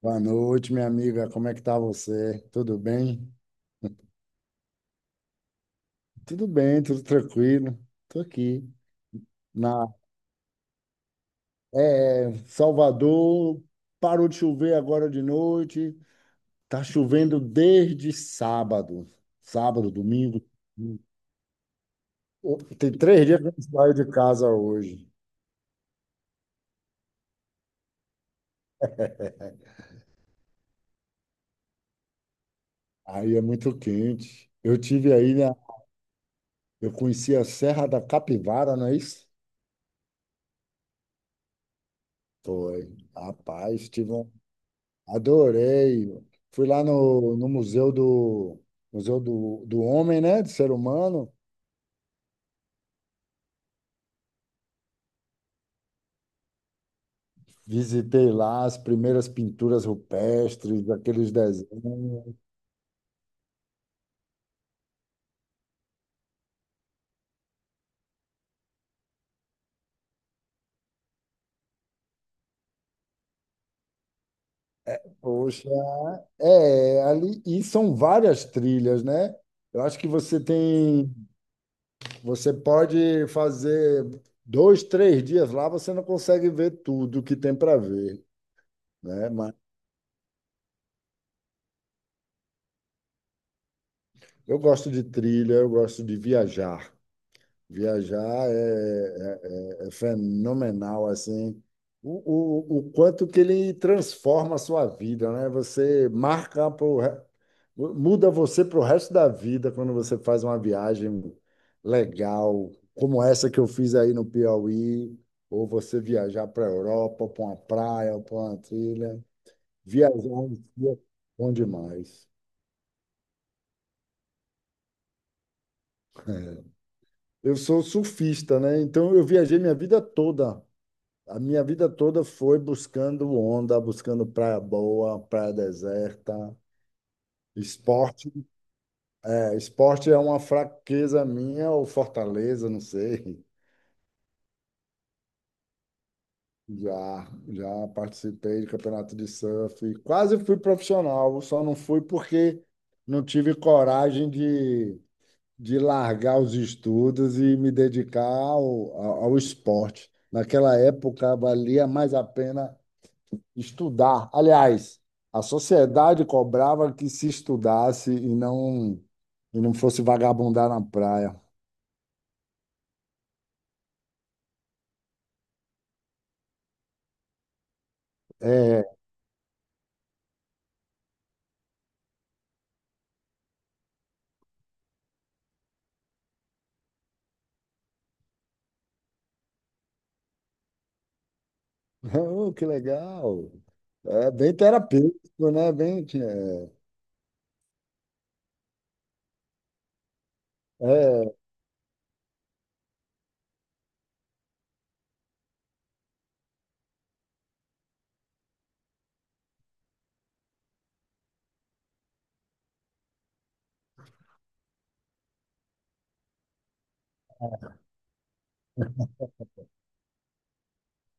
Boa noite, minha amiga. Como é que tá você? Tudo bem? Tudo bem, tudo tranquilo. Tô aqui na é, Salvador. Parou de chover agora de noite. Tá chovendo desde sábado. Sábado, domingo. Tem três dias que eu não saio de casa hoje. Aí é muito quente. Eu tive aí, né? Eu conheci a Serra da Capivara, não é isso? Foi. Rapaz, tive um. Adorei. Fui lá no Museu do Museu do Homem, né? Do ser humano. Visitei lá as primeiras pinturas rupestres, aqueles desenhos. Poxa, é, ali, e são várias trilhas, né? Eu acho que você tem, você pode fazer dois, três dias lá, você não consegue ver tudo que tem para ver, né? Mas eu gosto de trilha, eu gosto de viajar. Viajar é, é fenomenal, assim, o quanto que ele transforma a sua vida, né? Você marca, pro, muda você para o resto da vida quando você faz uma viagem legal, como essa que eu fiz aí no Piauí, ou você viajar para a Europa, para uma praia, para uma trilha. Viajar em si é bom demais. Eu sou surfista, né? Então eu viajei minha vida toda. A minha vida toda foi buscando onda, buscando praia boa, praia deserta, esporte. É, esporte é uma fraqueza minha ou fortaleza, não sei. Já, já participei de campeonato de surf, quase fui profissional, só não fui porque não tive coragem de largar os estudos e me dedicar ao esporte. Naquela época valia mais a pena estudar. Aliás, a sociedade cobrava que se estudasse e não fosse vagabundar na praia. É, oh, que legal. É bem terapêutico, né? Bem, é, é,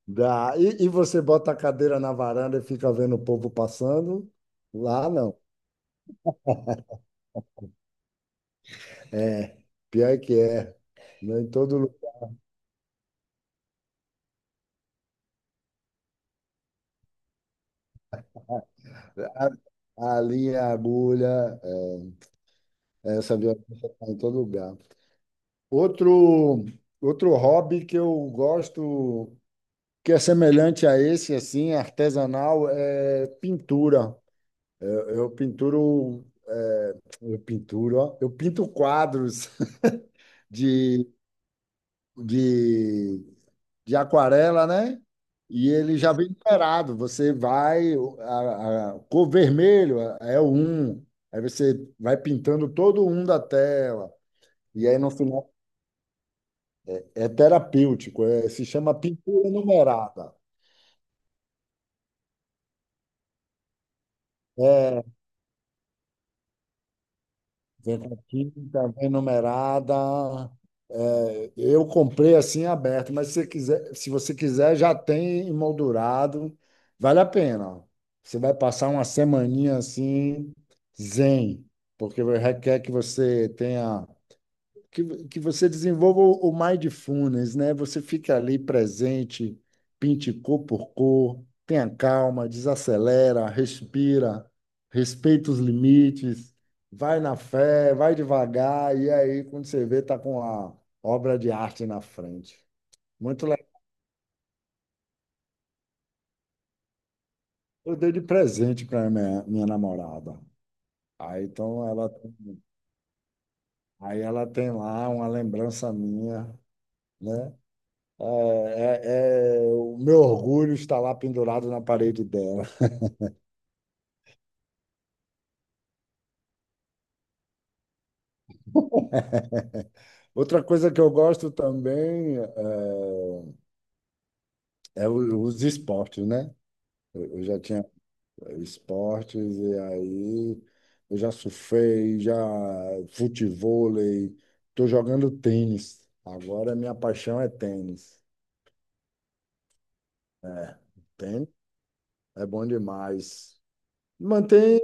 dá. E você bota a cadeira na varanda e fica vendo o povo passando? Lá não. É, pior que é. Não em todo lugar. A linha, a agulha, é, essa violência está em todo lugar. Outro, outro hobby que eu gosto, que é semelhante a esse, assim, artesanal, é pintura. Eu pinturo, é, eu pinturo, ó, eu pinto quadros de, de, de aquarela, né? E ele já vem numerado. Você vai, a cor vermelho é o um, aí você vai pintando todo um da tela. E aí no final é terapêutico, se chama pintura numerada. É, vem com tinta, vem numerada. É, eu comprei assim aberto, mas se você quiser, se você quiser, já tem emoldurado. Vale a pena. Você vai passar uma semaninha assim, zen, porque requer que você tenha que você desenvolva o mindfulness, né? Você fica ali presente, pinte cor por cor, tenha calma, desacelera, respira, respeita os limites, vai na fé, vai devagar, e aí, quando você vê, tá com a obra de arte na frente. Muito legal. Eu dei de presente para minha, minha namorada. Aí, então, ela, aí ela tem lá uma lembrança minha, né? É, o meu orgulho está lá pendurado na parede dela. Outra coisa que eu gosto também é, é os esportes, né? Eu já tinha esportes, e aí eu já surfei, já futevôlei, estou jogando tênis. Agora minha paixão é tênis. É, tênis é bom demais. Mantém,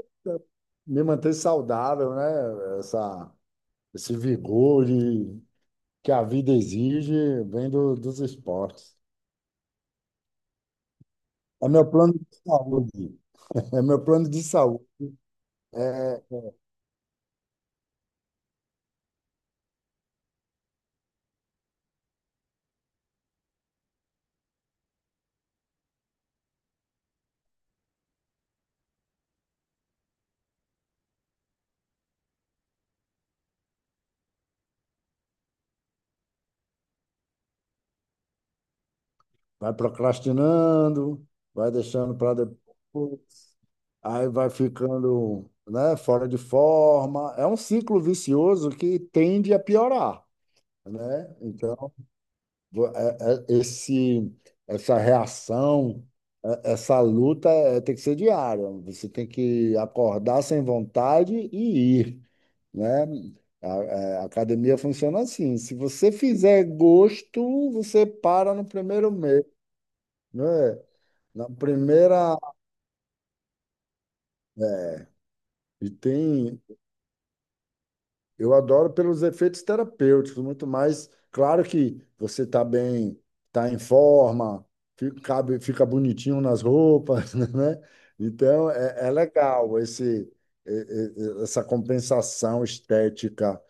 me mantém saudável, né? Essa Esse vigor e que a vida exige vem dos esportes. É meu plano de saúde. É meu plano de saúde. É, vai procrastinando, vai deixando para depois, aí vai ficando, né, fora de forma. É um ciclo vicioso que tende a piorar, né? Então, Esse, essa reação, essa luta é, tem que ser diária. Você tem que acordar sem vontade e ir, né? A, é, a academia funciona assim. Se você fizer gosto, você para no primeiro mês, né? Na primeira é, e tem. Eu adoro pelos efeitos terapêuticos, muito mais. Claro que você está bem, está em forma, fica, cabe, fica bonitinho nas roupas, né? Então, é, é legal esse, essa compensação estética,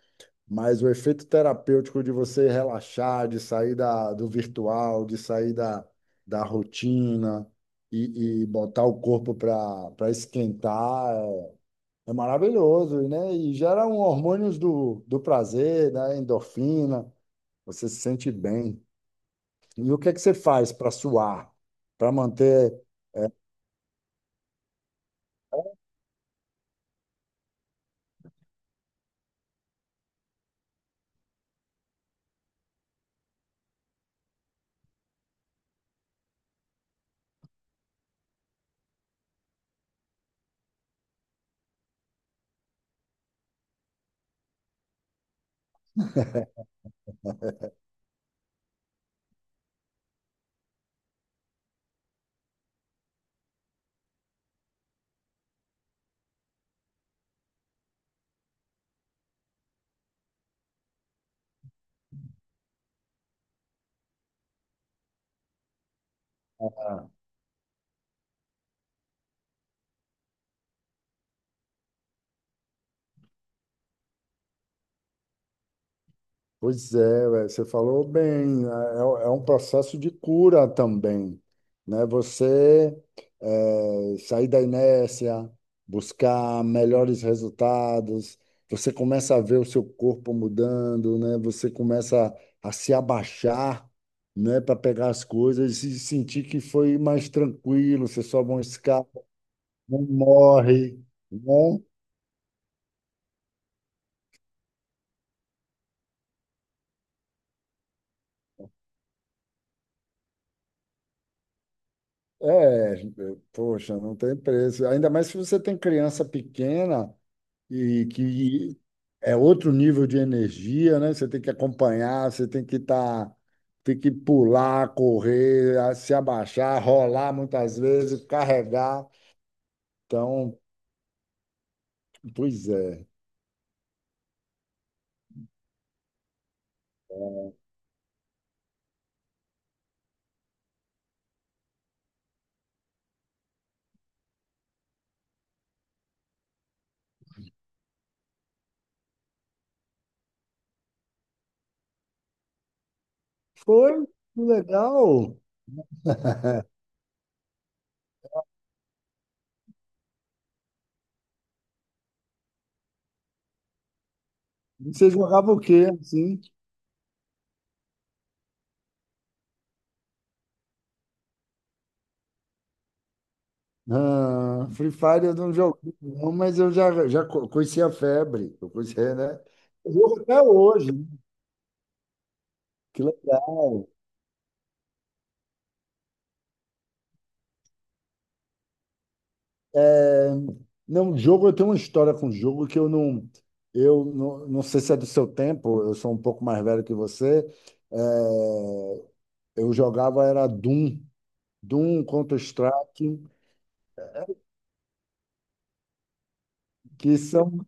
mas o efeito terapêutico de você relaxar, de sair da, do virtual, de sair da, da rotina e botar o corpo para esquentar, é maravilhoso, né? E gera um hormônios do, do prazer, da endorfina, você se sente bem. E o que é que você faz para suar, para manter? Pois é, ué, você falou bem, né? É, é um processo de cura também, né? Você sair da inércia, buscar melhores resultados, você começa a ver o seu corpo mudando, né? Você começa a se abaixar, né? Para pegar as coisas e sentir que foi mais tranquilo, você sobe uma escada, não morre, né? É, poxa, não tem preço. Ainda mais se você tem criança pequena, e que é outro nível de energia, né? Você tem que acompanhar, você tem que estar, tem que pular, correr, se abaixar, rolar muitas vezes, carregar. Então, pois é. Foi que legal. Você jogava o quê, assim? Ah, Free Fire eu não joguei, não, mas eu já, já conhecia a febre, eu conhecia, né? Eu jogo até hoje, né? Que legal. É, não, jogo, eu tenho uma história com jogo que eu não, não sei se é do seu tempo, eu sou um pouco mais velho que você. É, eu jogava era Doom, Doom, Counter-Strike, que são,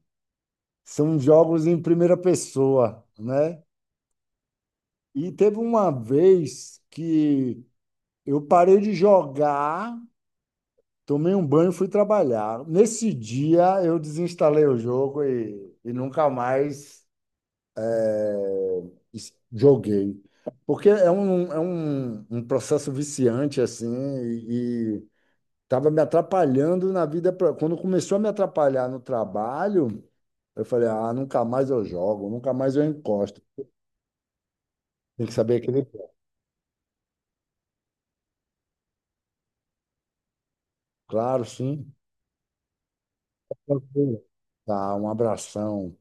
são jogos em primeira pessoa, né? E teve uma vez que eu parei de jogar, tomei um banho e fui trabalhar. Nesse dia eu desinstalei o jogo e nunca mais joguei. Porque é um, um processo viciante, assim, e estava me atrapalhando na vida. Quando começou a me atrapalhar no trabalho, eu falei, ah, nunca mais eu jogo, nunca mais eu encosto. Tem que saber aquele. Claro, sim. Tranquilo. Tá, um abração.